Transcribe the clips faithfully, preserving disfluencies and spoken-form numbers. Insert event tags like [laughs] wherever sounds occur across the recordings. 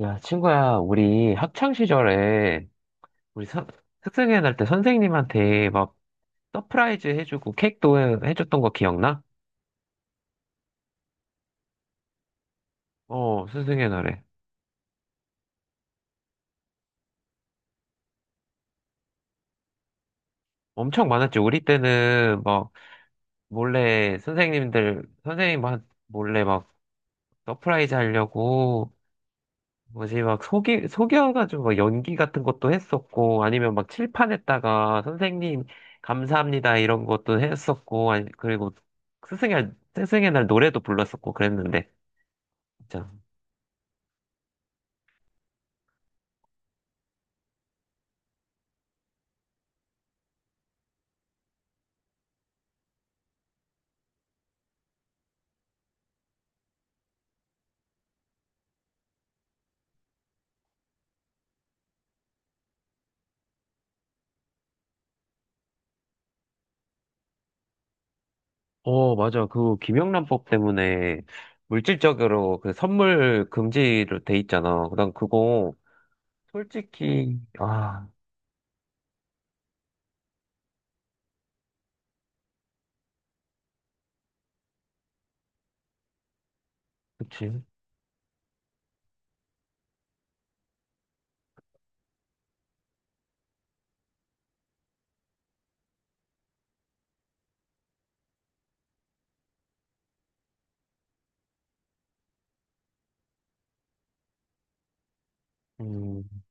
야, 친구야, 우리 학창 시절에 우리 선, 학생회 날 때 선생님한테 막 서프라이즈 해주고 케이크도 해- 해줬던 거 기억나? 어, 선생회 날에. 엄청 많았지. 우리 때는 막 몰래 선생님들, 선생님 막 몰래 막 서프라이즈 하려고 뭐지 막 속이 속여가지고 막 연기 같은 것도 했었고, 아니면 막 칠판에다가 선생님 감사합니다 이런 것도 했었고. 아니 그리고 스승의 스승의 날 노래도 불렀었고 그랬는데 진짜. 어, 맞아. 그 김영란법 때문에 물질적으로 그 선물 금지로 돼 있잖아. 난 그거 솔직히 아, 그치. 음.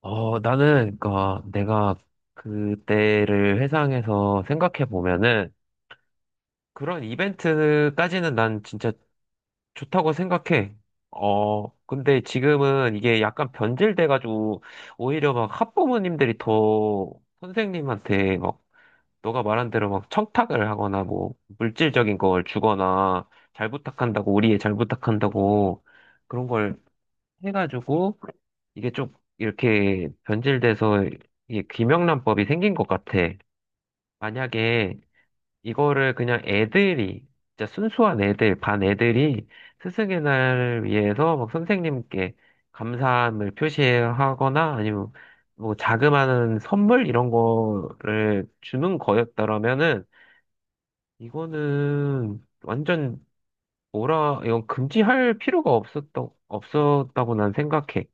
어, 나는 그니까 내가 그때를 회상해서 생각해 보면은 그런 이벤트까지는 난 진짜 좋다고 생각해. 어, 근데 지금은 이게 약간 변질돼가지고 오히려 막 학부모님들이 더 선생님한테 막 너가 말한 대로 막 청탁을 하거나 뭐 물질적인 걸 주거나 잘 부탁한다고 우리 애잘 부탁한다고 그런 걸 해가지고 이게 좀 이렇게 변질돼서 이게 김명란법이 생긴 것 같아. 만약에 이거를 그냥 애들이 진짜 순수한 애들, 반 애들이 스승의 날 위해서 막 선생님께 감사함을 표시하거나 아니면 뭐 자그마한 선물 이런 거를 주는 거였더라면은 이거는 완전 뭐라 이건 금지할 필요가 없었다 없었다고 난 생각해.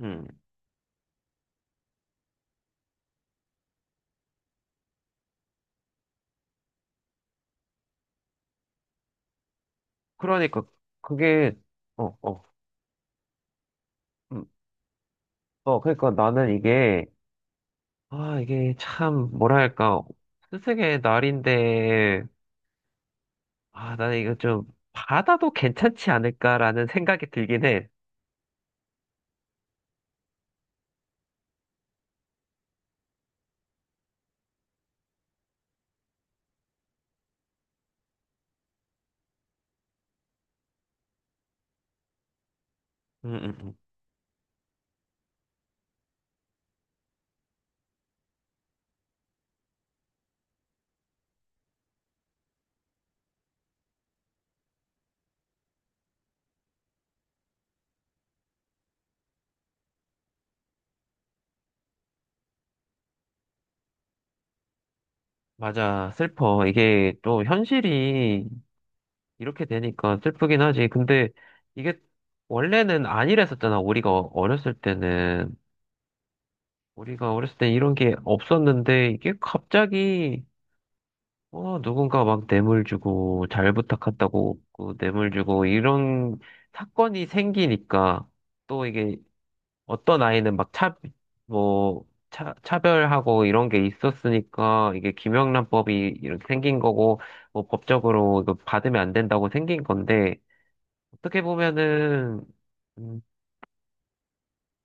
음. 그러니까 그게 어, 어. 음. 어, 그러니까 나는 이게 아, 이게 참 뭐랄까? 스승의 날인데 아, 나는 이거 좀 받아도 괜찮지 않을까라는 생각이 들긴 해. 음, 음, 음. 맞아. 슬퍼. 이게 또 현실이 이렇게 되니까 슬프긴 하지. 근데 이게 원래는 아니랬었잖아. 우리가 어렸을 때는. 우리가 어렸을 때 이런 게 없었는데 이게 갑자기 어, 누군가 막 뇌물 주고 잘 부탁한다고 그 뇌물 주고 이런 사건이 생기니까 또 이게 어떤 아이는 막 차, 뭐, 차, 차별하고 이런 게 있었으니까 이게 김영란법이 이렇게 생긴 거고 뭐 법적으로 이거 받으면 안 된다고 생긴 건데 어떻게 보면은, 음,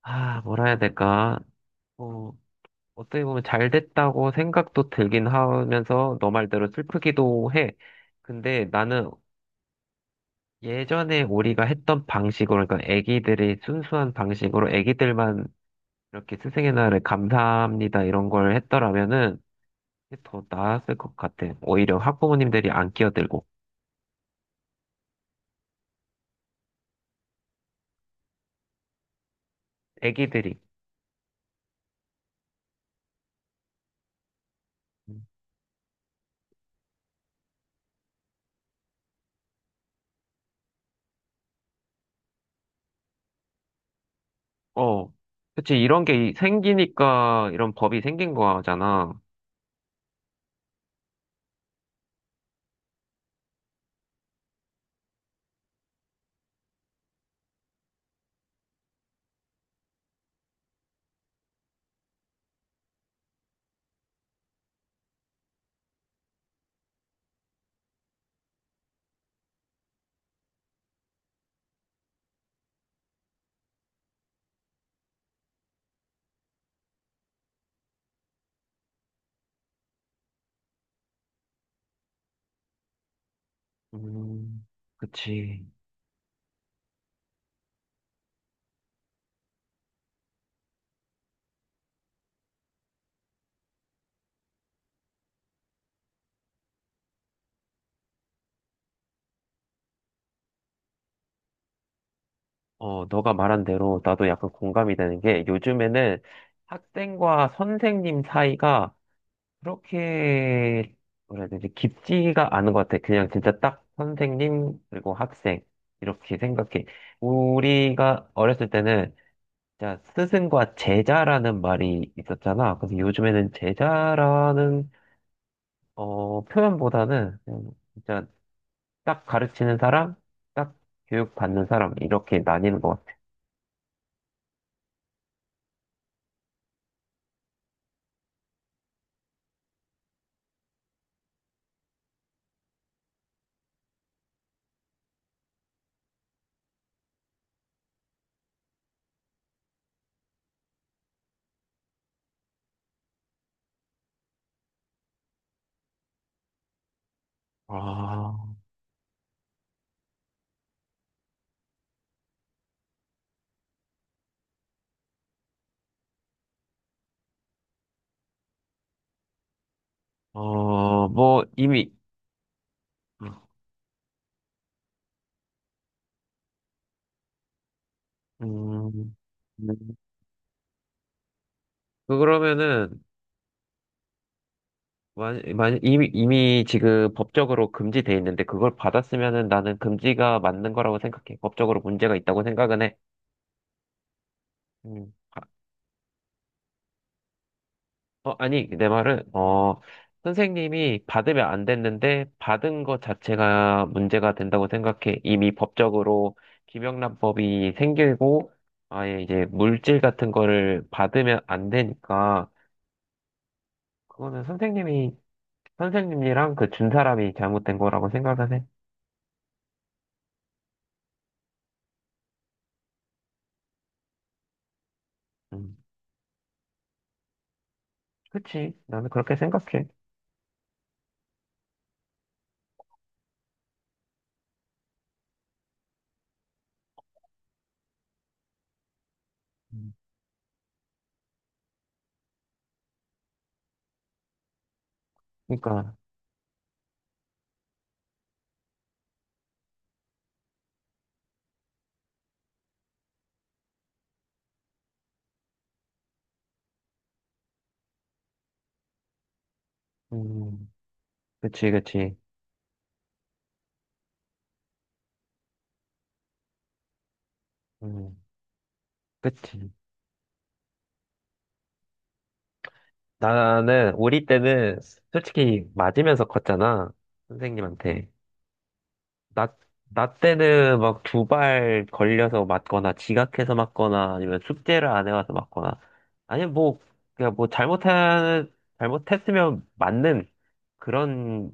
아, 뭐라 해야 될까. 어, 어떻게 보면 잘 됐다고 생각도 들긴 하면서 너 말대로 슬프기도 해. 근데 나는 예전에 우리가 했던 방식으로, 그러니까 애기들이 순수한 방식으로 애기들만 이렇게 스승의 날에 감사합니다 이런 걸 했더라면은 더 나았을 것 같아. 오히려 학부모님들이 안 끼어들고, 애기들이. 어, 그치, 이런 게 생기니까 이런 법이 생긴 거잖아. 음, 그치. 어, 너가 말한 대로 나도 약간 공감이 되는 게 요즘에는 학생과 선생님 사이가 그렇게 뭐라 해야 되지? 깊지가 않은 것 같아. 그냥 진짜 딱 선생님 그리고 학생 이렇게 생각해. 우리가 어렸을 때는 진짜 스승과 제자라는 말이 있었잖아. 그래서 요즘에는 제자라는 어, 표현보다는 그냥 진짜 딱 가르치는 사람, 딱 교육받는 사람, 이렇게 나뉘는 것 같아요. 아, 어, 뭐, 이미, 음, 음, 그러면은, 만, 만, 이미, 이미 지금 법적으로 금지돼 있는데, 그걸 받았으면은 나는 금지가 맞는 거라고 생각해. 법적으로 문제가 있다고 생각은 해. 음. 아, 어, 아니, 내 말은, 어, 선생님이 받으면 안 됐는데, 받은 것 자체가 문제가 된다고 생각해. 이미 법적으로 김영란법이 생기고, 아예 이제 물질 같은 거를 받으면 안 되니까, 그거는 선생님이, 선생님이랑 그 준 사람이 잘못된 거라고 생각을 해. 음, 그치. 나는 그렇게 생각해. 음, 그러니까, 음, 그치, 그치. 음, 그치. 나는 우리 때는 솔직히 맞으면서 컸잖아. 선생님한테. 나, 나 때는 막 두 발 걸려서 맞거나 지각해서 맞거나 아니면 숙제를 안 해와서 맞거나 아니면 뭐 그냥 뭐 잘못한 잘못했으면 맞는 그런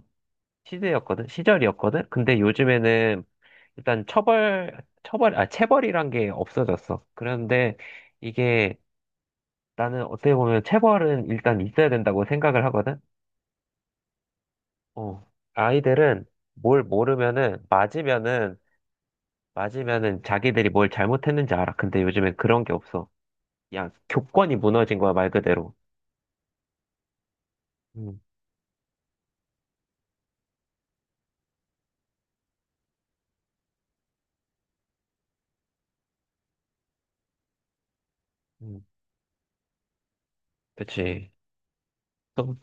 시대였거든. 시절이었거든. 근데 요즘에는 일단 처벌 처벌 아 체벌이란 게 없어졌어. 그런데 이게 나는 어떻게 보면 체벌은 일단 있어야 된다고 생각을 하거든. 어, 아이들은 뭘 모르면은, 맞으면은, 맞으면은 자기들이 뭘 잘못했는지 알아. 근데 요즘엔 그런 게 없어. 야 교권이 무너진 거야, 말 그대로. 음, 음, 그치. 또,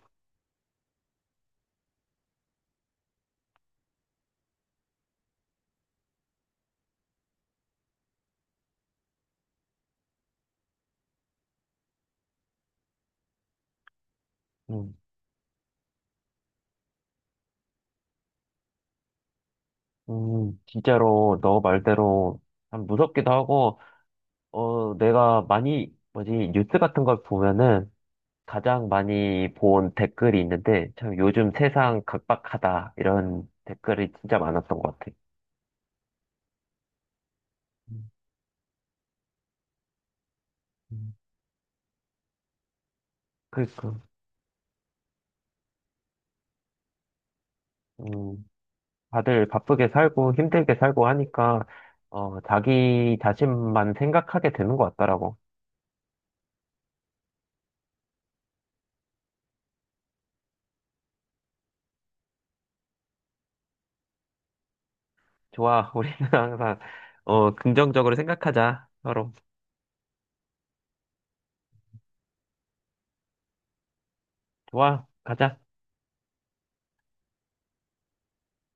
음, 음, 진짜로 너 말대로 참 무섭기도 하고, 어, 내가 많이, 뭐지, 뉴스 같은 걸 보면은 가장 많이 본 댓글이 있는데, 참 요즘 세상 각박하다. 이런 댓글이 진짜 많았던 것 같아. 음, 음. 그니까. 다들 바쁘게 살고 힘들게 살고 하니까 어, 자기 자신만 생각하게 되는 것 같더라고. 좋아, 우리는 [laughs] 항상 어, 긍정적으로 생각하자. 서로 좋아, 가자.